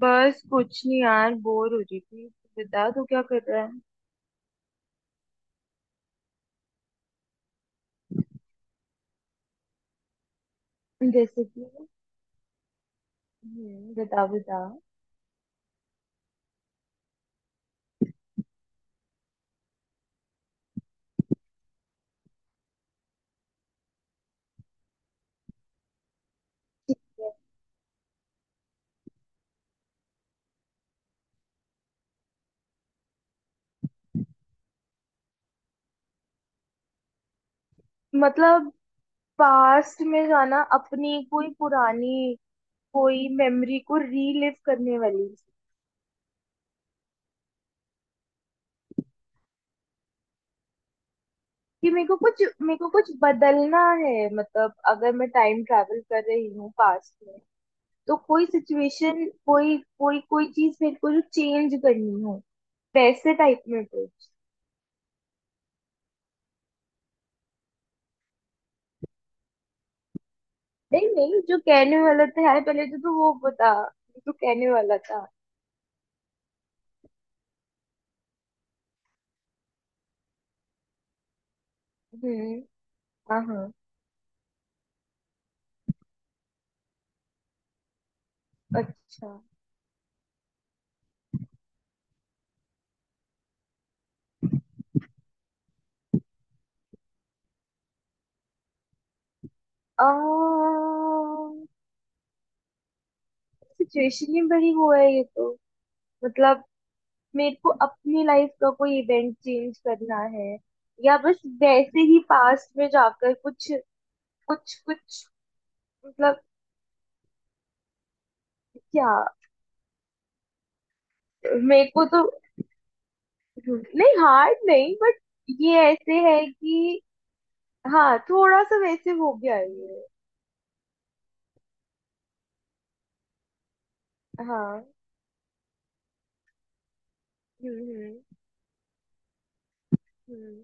बस कुछ नहीं यार, बोर हो रही थी। बता तू क्या कर रहा है। जैसे कि हम्म, बता बता। ठीक है। मतलब पास्ट में जाना, अपनी कोई पुरानी कोई मेमोरी को रीलिव करने वाली। कि मेरे को कुछ, मेरे को कुछ बदलना है। मतलब अगर मैं टाइम ट्रैवल कर रही हूँ पास्ट में, तो कोई सिचुएशन, कोई कोई कोई चीज मेरे को जो चेंज करनी हो, वैसे टाइप में कुछ। नहीं नहीं, जो कहने वाला था यार पहले तो तू वो बता, जो तू कहने वाला था। हम्म। हाँ हाँ। अच्छा, सिचुएशन ही बड़ी वो है ये तो। मतलब मेरे को अपनी लाइफ का कोई इवेंट चेंज करना है, या बस वैसे ही पास्ट में जाकर कुछ कुछ कुछ। मतलब क्या। मेरे को तो नहीं, हार्ड नहीं, बट ये ऐसे है कि हाँ, थोड़ा सा वैसे हो गया है ये। हाँ। हम्म। हम्म।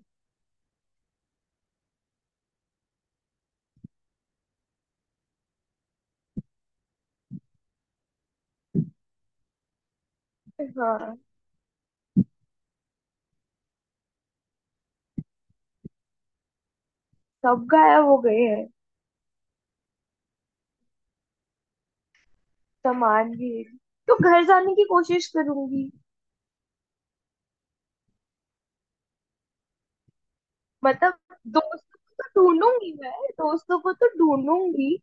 हाँ, सब गायब हो गए हैं। सामान भी। तो घर जाने की कोशिश करूंगी। मतलब दोस्तों को तो ढूंढूंगी मैं, दोस्तों को तो ढूंढूंगी।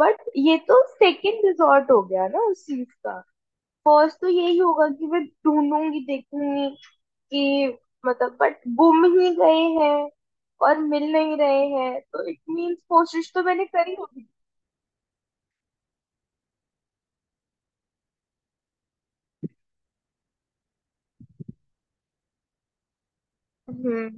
बट ये तो सेकंड रिजॉर्ट हो गया ना उस चीज का। फर्स्ट तो यही होगा कि मैं ढूंढूंगी, देखूंगी कि मतलब, बट गुम ही गए हैं और मिल नहीं रहे हैं, तो इट मीन्स कोशिश तो मैंने करी होगी। हम्म।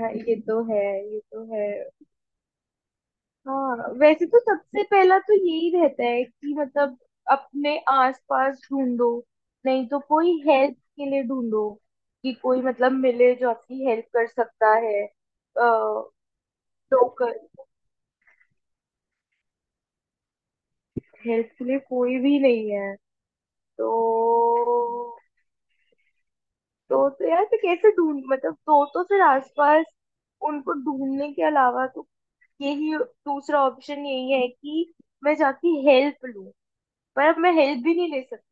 हाँ, ये तो है। ये तो है। हाँ, वैसे तो सबसे पहला तो यही रहता है कि मतलब अपने आसपास ढूंढो, नहीं तो कोई हेल्प के लिए ढूंढो, कि कोई मतलब मिले जो आपकी हेल्प कर सकता है। लोकल। हेल्प के लिए कोई भी नहीं है। तो तो यार फिर कैसे ढूंढ, मतलब तो फिर आसपास उनको ढूंढने के अलावा तो यही दूसरा ऑप्शन यही है कि मैं जाके हेल्प लूं। पर अब मैं हेल्प भी नहीं ले सकती।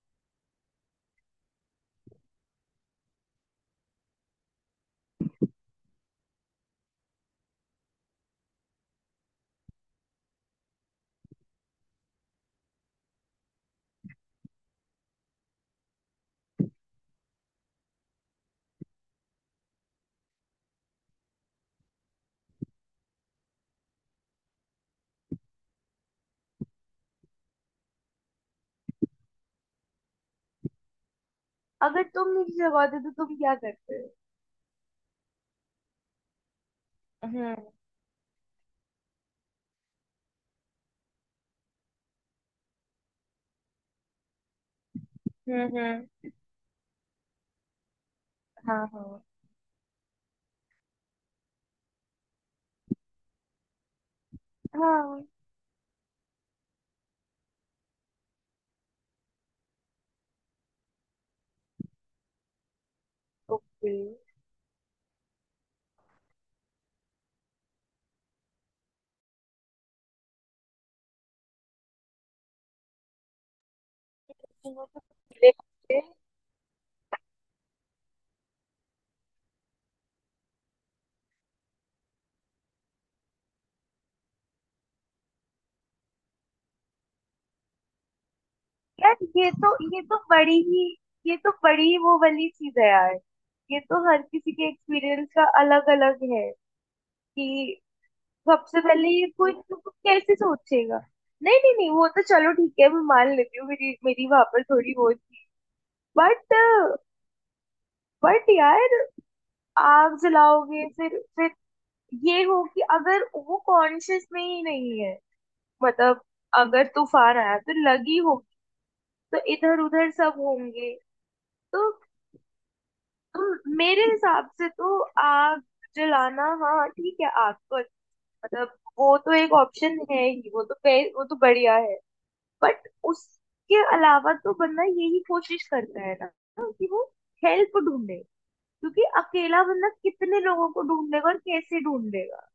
अगर तुम नहीं लगाते तो तुम क्या करते हो। हम्म हम्म। हम्म। हाँ हाँ। हाँ। ओके। ले- ले- यार, ये तो बड़ी ही, ये तो बड़ी ही वो वाली चीज है यार। ये तो हर किसी के एक्सपीरियंस का अलग अलग है। कि सबसे पहले ये कोई तो कैसे सोचेगा। नहीं नहीं नहीं, वो तो चलो ठीक है, मैं मान लेती हूँ, मेरी मेरी वहां पर थोड़ी वो थी। बट बट यार, आग जलाओगे फिर ये हो कि अगर वो कॉन्शियस में ही नहीं है। मतलब अगर तूफान आया तो लगी होगी, तो इधर उधर सब होंगे। तो तुम मेरे हिसाब से तो आग जलाना, हाँ ठीक है, आग तो मतलब वो तो एक ऑप्शन है ही, वो तो वो तो बढ़िया है। बट उसके अलावा तो बंदा यही कोशिश करता है ना, कि वो हेल्प ढूंढे। क्योंकि अकेला बंदा कितने लोगों को ढूंढेगा और कैसे ढूंढेगा।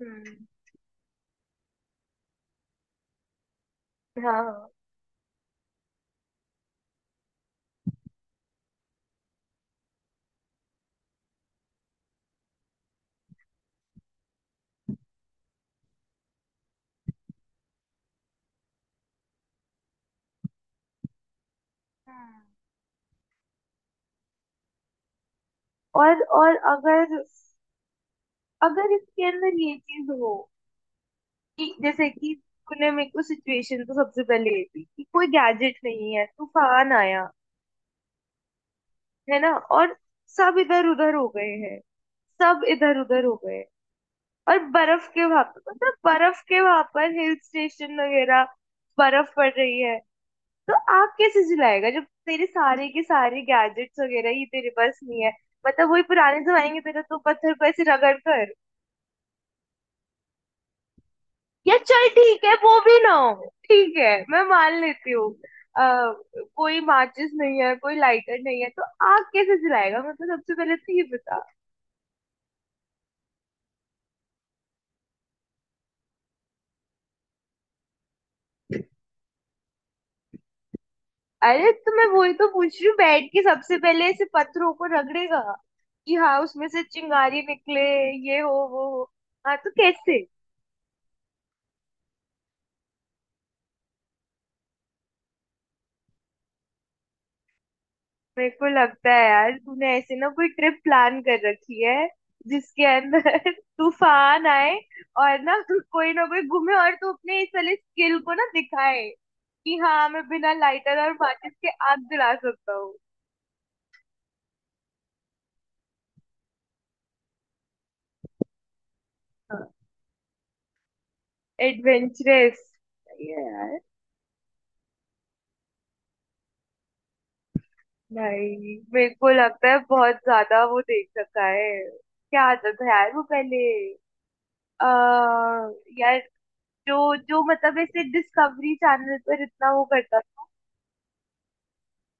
हम्म। हाँ हाँ। और अगर, अगर इसके अंदर ये चीज हो, कि जैसे कि तूने मेरे को सिचुएशन तो सबसे पहले ये थी कि कोई गैजेट नहीं है, तूफान आया, है ना। और सब इधर उधर हो गए हैं, सब इधर उधर हो गए। और बर्फ के वहां पर, मतलब बर्फ के वहां पर हिल स्टेशन वगैरह, बर्फ पड़ रही है। तो आग कैसे जलाएगा जब तेरे सारे के सारे गैजेट्स वगैरह ही तेरे पास नहीं है। मतलब वही पुराने जमाने के तरह तो पत्थर को ऐसे रगड़ कर, या चल ठीक है, वो भी ना हो, ठीक है मैं मान लेती हूँ। अ, कोई माचिस नहीं है, कोई लाइटर नहीं है, तो आग कैसे जलाएगा, मेरे को सबसे पहले तो ये बता। अरे तो मैं वही तो पूछ रही हूँ, बैठ के सबसे पहले ऐसे पत्थरों को रगड़ेगा कि हाँ उसमें से चिंगारी निकले, ये हो वो हो। हाँ तो कैसे। मेरे को लगता है यार तूने ऐसे ना कोई ट्रिप प्लान कर रखी है जिसके अंदर तूफान आए, और ना तू कोई ना कोई घूमे, और तू अपने इस वाले स्किल को ना दिखाए कि हाँ मैं बिना लाइटर और माचिस के आग जला सकता हूँ। हाँ, एडवेंचरस। सही है यार। भाई मेरे को लगता है बहुत ज्यादा वो देख रखा है। क्या आता था यार वो पहले, आ, यार, जो जो मतलब ऐसे डिस्कवरी चैनल पर इतना वो करता।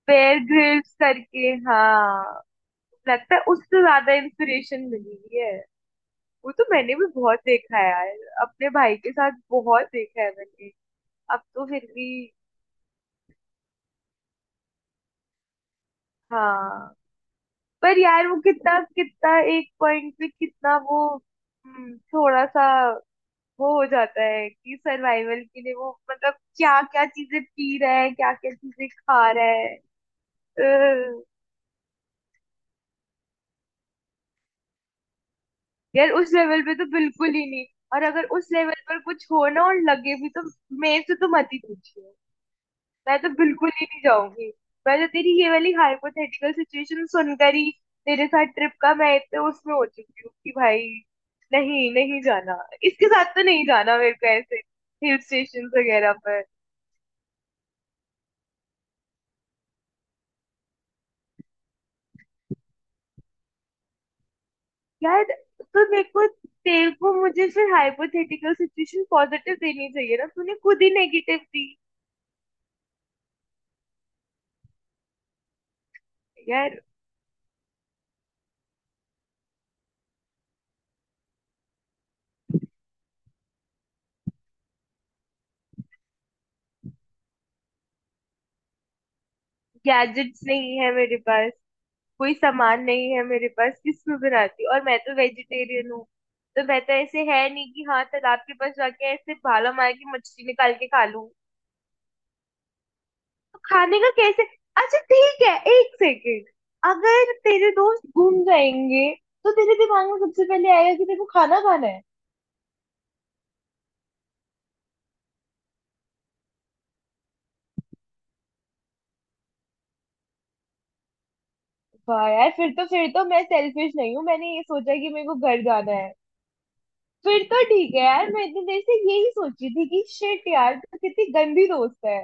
बेयर ग्रिल्स करके, हाँ। लगता है उससे ज्यादा इंस्पिरेशन मिली हुई है। वो तो मैंने भी बहुत देखा है यार, अपने भाई के साथ बहुत देखा है मैंने। अब तो फिर भी हाँ। पर यार वो कितना, कितना एक पॉइंट पे कितना वो, थोड़ा सा वो हो जाता है कि सर्वाइवल के लिए वो मतलब क्या क्या चीजें पी रहा है, क्या क्या चीजें खा रहा है। यार उस लेवल पे तो बिल्कुल ही नहीं। और अगर उस लेवल पर कुछ हो ना और लगे भी, तो मेरे से तो मत ही पूछिए, मैं तो बिल्कुल ही नहीं जाऊंगी। मैं तो तेरी ये वाली हाइपोथेटिकल सिचुएशन सुनकर ही तेरे साथ ट्रिप का मैं इतने उसमें हो चुकी हूँ कि भाई नहीं, नहीं जाना। इसके साथ तो नहीं जाना मेरे को ऐसे हिल स्टेशन वगैरह पर। यार तो मेरे को तेरे को मुझे फिर हाइपोथेटिकल सिचुएशन पॉजिटिव देनी चाहिए ना, तूने खुद ही नेगेटिव दी। यार गैजेट्स नहीं है मेरे पास, कोई सामान नहीं है मेरे पास, किसमें बनाती हूँ। और मैं तो वेजिटेरियन हूँ। तो मैं तो ऐसे है नहीं कि हाँ तालाब के पास जाके ऐसे भाला मार के मछली निकाल के खा लूँ। तो खाने का कैसे। अच्छा ठीक है, एक सेकेंड। अगर तेरे दोस्त घूम जाएंगे, तो तेरे दिमाग में सबसे पहले आएगा कि तेरे को खाना खाना है। वाह यार, फिर तो मैं सेल्फिश नहीं हूँ, मैंने ये सोचा कि मेरे को घर जाना है। फिर तो ठीक है यार, मैं इतनी देर से यही सोची थी कि शिट यार तो कितनी गंदी दोस्त है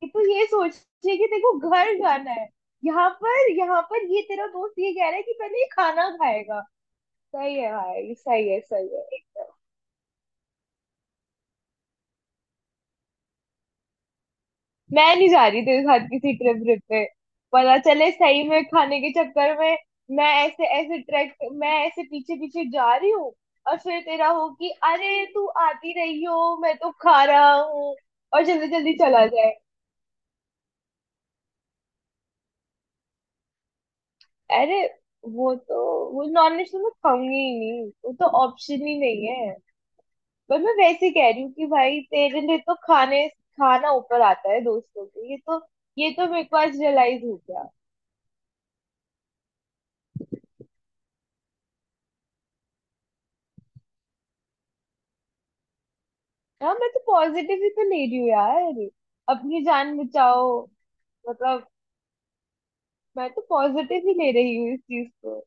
कि तू ये सोचिए कि देखो घर जाना है। यहाँ पर, यहाँ पर ये तेरा दोस्त ये कह रहा है कि पहले ये खाना खाएगा। सही है भाई, सही है, सही है, एकदम। मैं नहीं जा रही तेरे साथ किसी ट्रिप ट्रिप पे। पता चले सही में खाने के चक्कर में मैं ऐसे ऐसे ट्रैक, मैं ऐसे पीछे पीछे जा रही हूँ, और फिर तेरा हो कि अरे तू आती रही हो, मैं तो खा रहा हूँ, और जल्दी जल्दी चला जाए। अरे, वो तो, वो नॉन वेज तो मैं खाऊंगी ही नहीं, वो तो ऑप्शन ही नहीं है। पर मैं वैसे कह रही हूँ कि भाई तेरे लिए तो खाने खाना ऊपर आता है दोस्तों के, ये तो मेरे को आज रियलाइज हो गया। हाँ मैं तो पॉजिटिव ही तो ले रही हूँ यार, अपनी जान बचाओ, मतलब। मैं तो पॉजिटिव ही ले रही हूँ इस चीज को।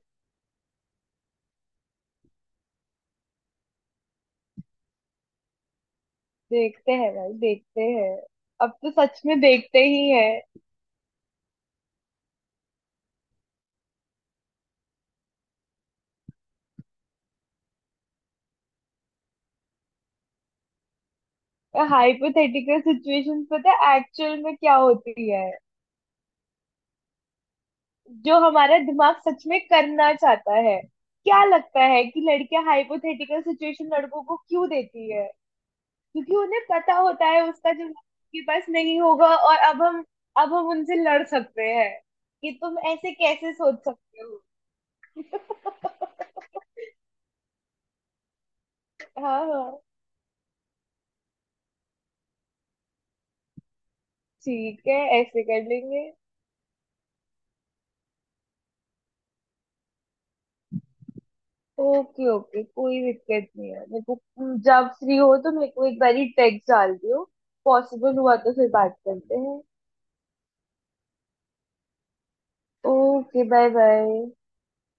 देखते हैं भाई, देखते हैं। अब तो सच में देखते ही है। हाइपोथेटिकल सिचुएशन पता है एक्चुअल में क्या होती है। जो हमारा दिमाग सच में करना चाहता है। क्या लगता है कि लड़कियां हाइपोथेटिकल सिचुएशन लड़कों को क्यों देती है। क्योंकि उन्हें पता होता है उसका जवाब उनके पास नहीं होगा, और अब हम उनसे लड़ सकते हैं कि तुम ऐसे कैसे सोच सकते हो। हाँ हाँ। ठीक है। ऐसे कर लेंगे। ओके ओके, कोई दिक्कत नहीं है मेरे को। जब फ्री हो तो मेरे को एक बारी टेक्स्ट डाल दियो, पॉसिबल हुआ तो फिर बात करते हैं। Okay, bye bye.